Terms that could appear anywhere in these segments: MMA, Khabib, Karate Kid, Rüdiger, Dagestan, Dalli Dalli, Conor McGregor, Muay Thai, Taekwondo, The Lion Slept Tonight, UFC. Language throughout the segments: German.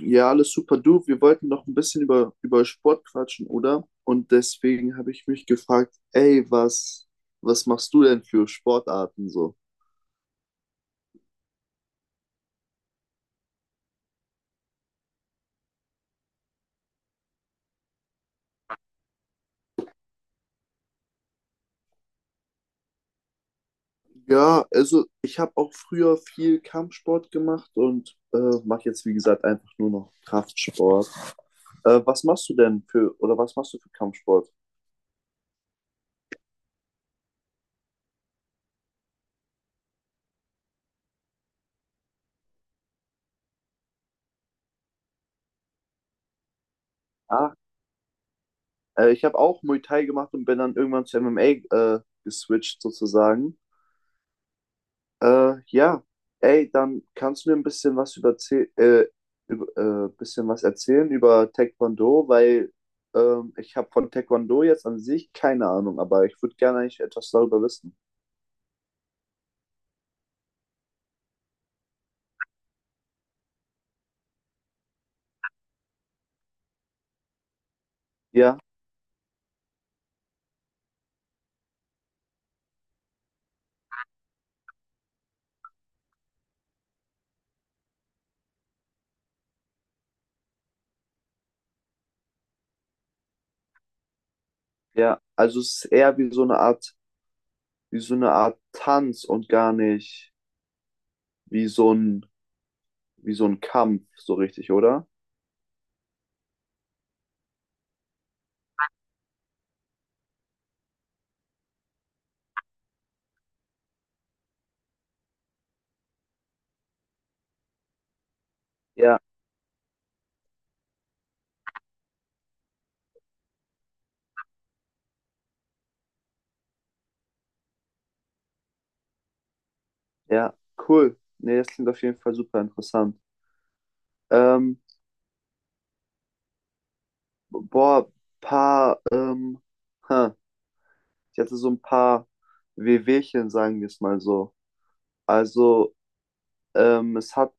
Ja, alles super. Du, wir wollten noch ein bisschen über Sport quatschen, oder? Und deswegen habe ich mich gefragt, ey, was machst du denn für Sportarten so? Ja, also ich habe auch früher viel Kampfsport gemacht und mache jetzt, wie gesagt, einfach nur noch Kraftsport. Was machst du denn oder was machst du für Kampfsport? Ah, ich habe auch Muay Thai gemacht und bin dann irgendwann zu MMA geswitcht sozusagen. Äh, ja, Ey, dann kannst du mir ein bisschen was äh, über bisschen was erzählen über Taekwondo, weil ich habe von Taekwondo jetzt an sich keine Ahnung, aber ich würde gerne eigentlich etwas darüber wissen. Ja, ja, also es ist eher wie so eine Art, wie so eine Art Tanz und gar nicht wie so ein, wie so ein Kampf, so richtig, oder? Ja, ja, cool. Nee, das klingt auf jeden Fall super interessant. Ähm, boah, paar, ähm, Sie hatte so ein paar Wehwehchen, sagen wir es mal so. Also, ähm, es hat,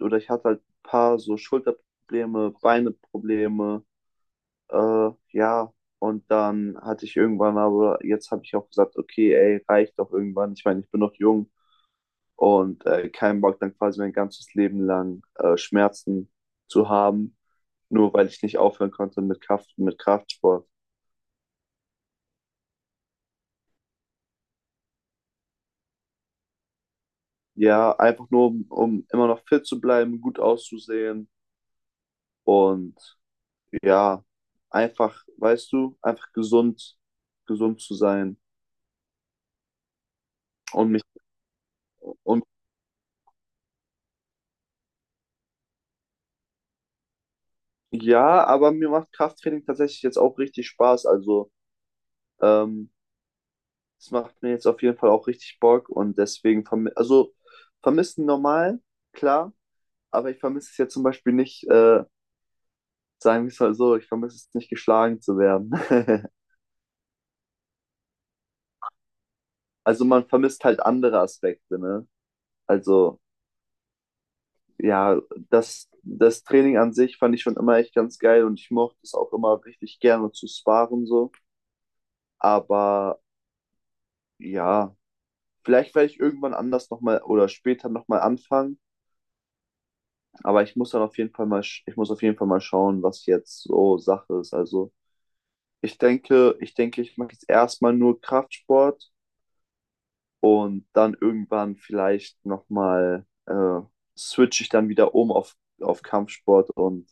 oder ich hatte halt ein paar so Schulterprobleme, Beineprobleme, ja. Und dann hatte ich irgendwann, aber jetzt habe ich auch gesagt, okay, ey, reicht doch irgendwann. Ich meine, ich bin noch jung und keinen Bock, dann quasi mein ganzes Leben lang Schmerzen zu haben, nur weil ich nicht aufhören konnte mit mit Kraftsport. Ja, einfach nur, um immer noch fit zu bleiben, gut auszusehen. Und ja, einfach, weißt du, einfach gesund zu sein. Und mich, und ja, aber mir macht Krafttraining tatsächlich jetzt auch richtig Spaß. Also, ähm, es macht mir jetzt auf jeden Fall auch richtig Bock und deswegen, vermissen normal, klar, aber ich vermisse es jetzt zum Beispiel nicht, sagen wir es mal so, ich vermisse es nicht, geschlagen zu werden. Also, man vermisst halt andere Aspekte, ne? Also, ja, das Training an sich fand ich schon immer echt ganz geil und ich mochte es auch immer richtig gerne zu sparen so. Aber ja, vielleicht werde ich irgendwann anders nochmal oder später nochmal anfangen. Aber ich muss dann auf jeden Fall mal, ich muss auf jeden Fall mal schauen, was jetzt so Sache ist. Also ich denke, ich mache jetzt erstmal nur Kraftsport und dann irgendwann vielleicht nochmal switche ich dann wieder um auf Kampfsport und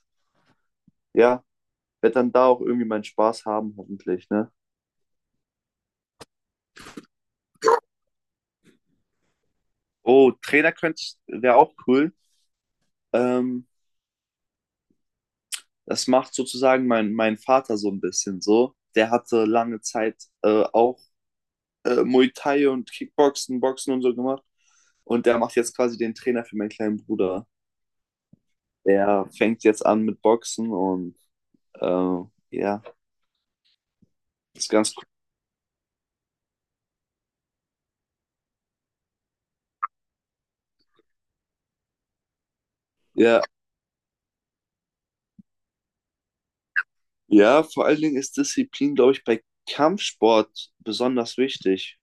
ja, werde dann da auch irgendwie meinen Spaß haben, hoffentlich, ne? Oh, Trainer könnte, wäre auch cool. Ähm, das macht sozusagen mein Vater so ein bisschen so. Der hatte lange Zeit auch Muay Thai und Kickboxen, Boxen und so gemacht. Und der macht jetzt quasi den Trainer für meinen kleinen Bruder. Der fängt jetzt an mit Boxen und äh, ja, ist ganz cool. Ja, ja, vor allen Dingen ist Disziplin, glaube ich, bei Kampfsport besonders wichtig.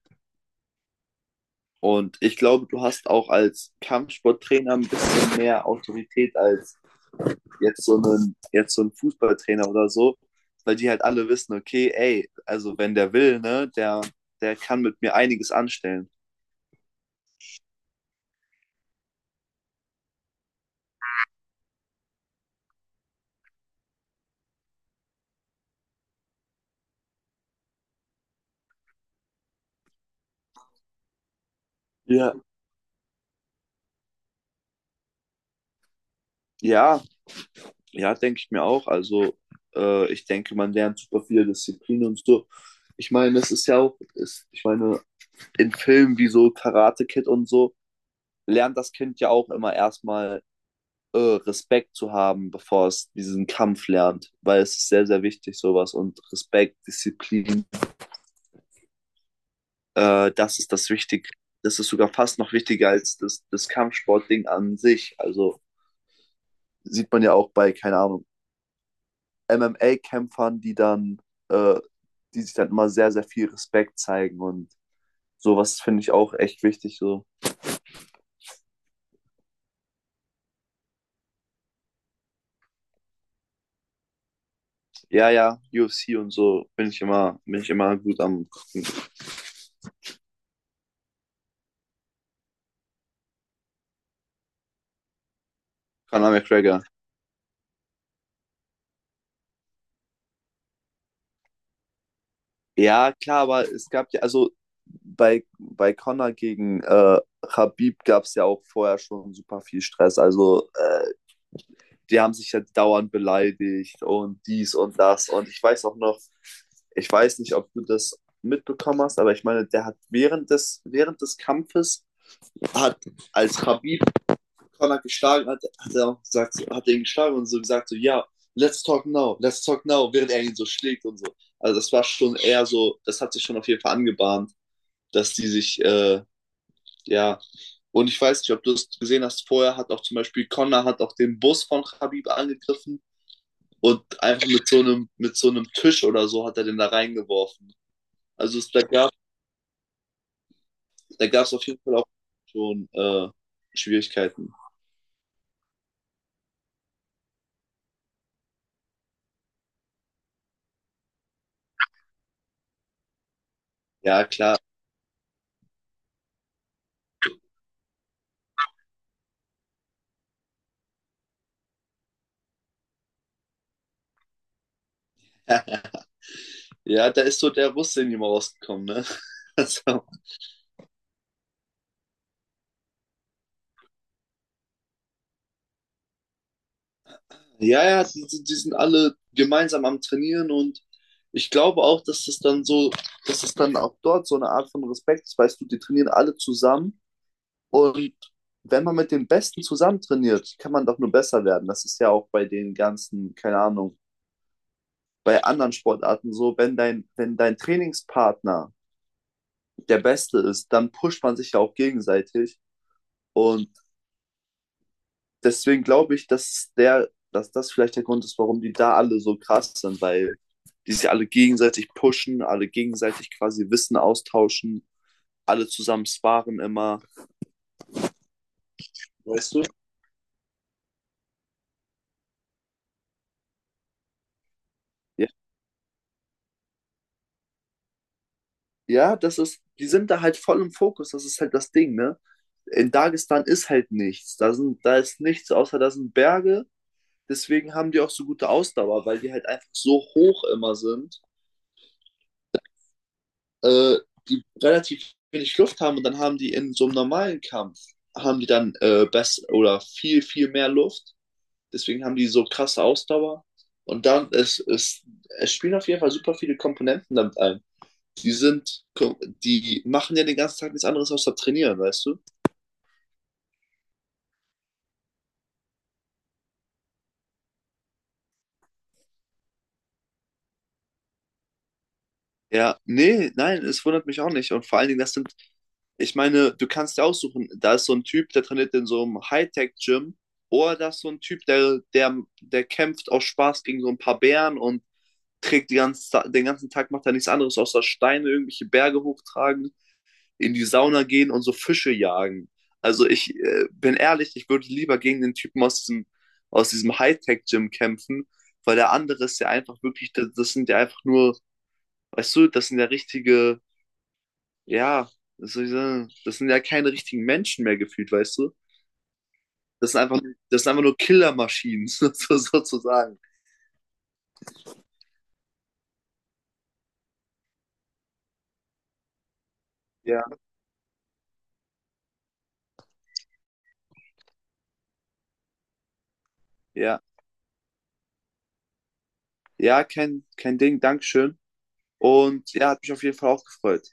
Und ich glaube, du hast auch als Kampfsporttrainer ein bisschen mehr Autorität als jetzt so ein Fußballtrainer oder so, weil die halt alle wissen, okay, ey, also wenn der will, ne, der kann mit mir einiges anstellen. Ja. Ja, ja, denke ich mir auch. Also ich denke, man lernt super viele Disziplinen und so. Ich meine, das ist ja auch, ist, ich meine, in Filmen wie so Karate Kid und so, lernt das Kind ja auch immer erstmal Respekt zu haben, bevor es diesen Kampf lernt, weil es ist sehr, sehr wichtig, sowas. Und Respekt, Disziplin, das ist das Wichtige. Das ist sogar fast noch wichtiger als das Kampfsportding an sich. Also sieht man ja auch bei, keine Ahnung, MMA-Kämpfern, äh, die sich dann immer sehr, sehr viel Respekt zeigen und sowas finde ich auch echt wichtig. So, ja, ja, UFC und so bin ich bin ich immer gut am gucken. Conor McGregor. Ja, klar, aber es gab ja, also bei Conor gegen Khabib gab es ja auch vorher schon super viel Stress. Also, die haben sich ja dauernd beleidigt und dies und das. Und ich weiß auch noch, ich weiß nicht, ob du das mitbekommen hast, aber ich meine, der hat während des hat, als Khabib Connor geschlagen hat, hat er auch gesagt, hat er ihn geschlagen und so gesagt, so, ja, let's talk now, während er ihn so schlägt und so. Also das war schon eher so, das hat sich schon auf jeden Fall angebahnt, dass die sich, ja, und ich weiß nicht, ob du es gesehen hast, vorher hat auch zum Beispiel Connor hat auch den Bus von Khabib angegriffen und einfach mit so mit so einem Tisch oder so hat er den da reingeworfen. Also es, da gab, es da gab es auf jeden Fall auch schon Schwierigkeiten. Ja, klar. Ja, da ist so der Russe in ihm rausgekommen, ne? Also, ja, ja, die die sind alle gemeinsam am Trainieren und ich glaube auch, dass das dann auch dort so eine Art von Respekt ist, weißt du, die trainieren alle zusammen und wenn man mit den Besten zusammen trainiert, kann man doch nur besser werden. Das ist ja auch bei den ganzen, keine Ahnung, bei anderen Sportarten so, wenn dein Trainingspartner der Beste ist, dann pusht man sich ja auch gegenseitig und deswegen glaube ich, dass das vielleicht der Grund ist, warum die da alle so krass sind, weil die sich alle gegenseitig pushen, alle gegenseitig quasi Wissen austauschen, alle zusammen sparen immer. Weißt du? Ja, ja, das ist, die sind da halt voll im Fokus, das ist halt das Ding, ne? In Dagestan ist halt nichts. Da ist nichts, außer da sind Berge. Deswegen haben die auch so gute Ausdauer, weil die halt einfach so hoch immer sind, äh, die relativ wenig Luft haben und dann haben die in so einem normalen Kampf, haben die dann best oder viel mehr Luft. Deswegen haben die so krasse Ausdauer. Und dann, es, es, es spielen auf jeden Fall super viele Komponenten damit ein. Die sind, die machen ja den ganzen Tag nichts anderes außer trainieren, weißt du? Ja, nee, nein, es wundert mich auch nicht. Und vor allen Dingen, ich meine, du kannst dir aussuchen, da ist so ein Typ, der trainiert in so einem Hightech-Gym, oder da ist so ein Typ, der kämpft aus Spaß gegen so ein paar Bären und trägt die den ganzen Tag, macht er nichts anderes, außer Steine, irgendwelche Berge hochtragen, in die Sauna gehen und so Fische jagen. Also ich bin ehrlich, ich würde lieber gegen den Typen aus aus diesem Hightech-Gym kämpfen, weil der andere ist ja einfach wirklich, das sind ja einfach nur. Weißt du, das sind ja richtige, ja, was soll ich sagen, das sind ja keine richtigen Menschen mehr gefühlt, weißt du? Das sind einfach, das sind einfach nur Killermaschinen, sozusagen. Ja, ja, ja, kein Ding, Dankeschön. Und ja, hat mich auf jeden Fall auch gefreut.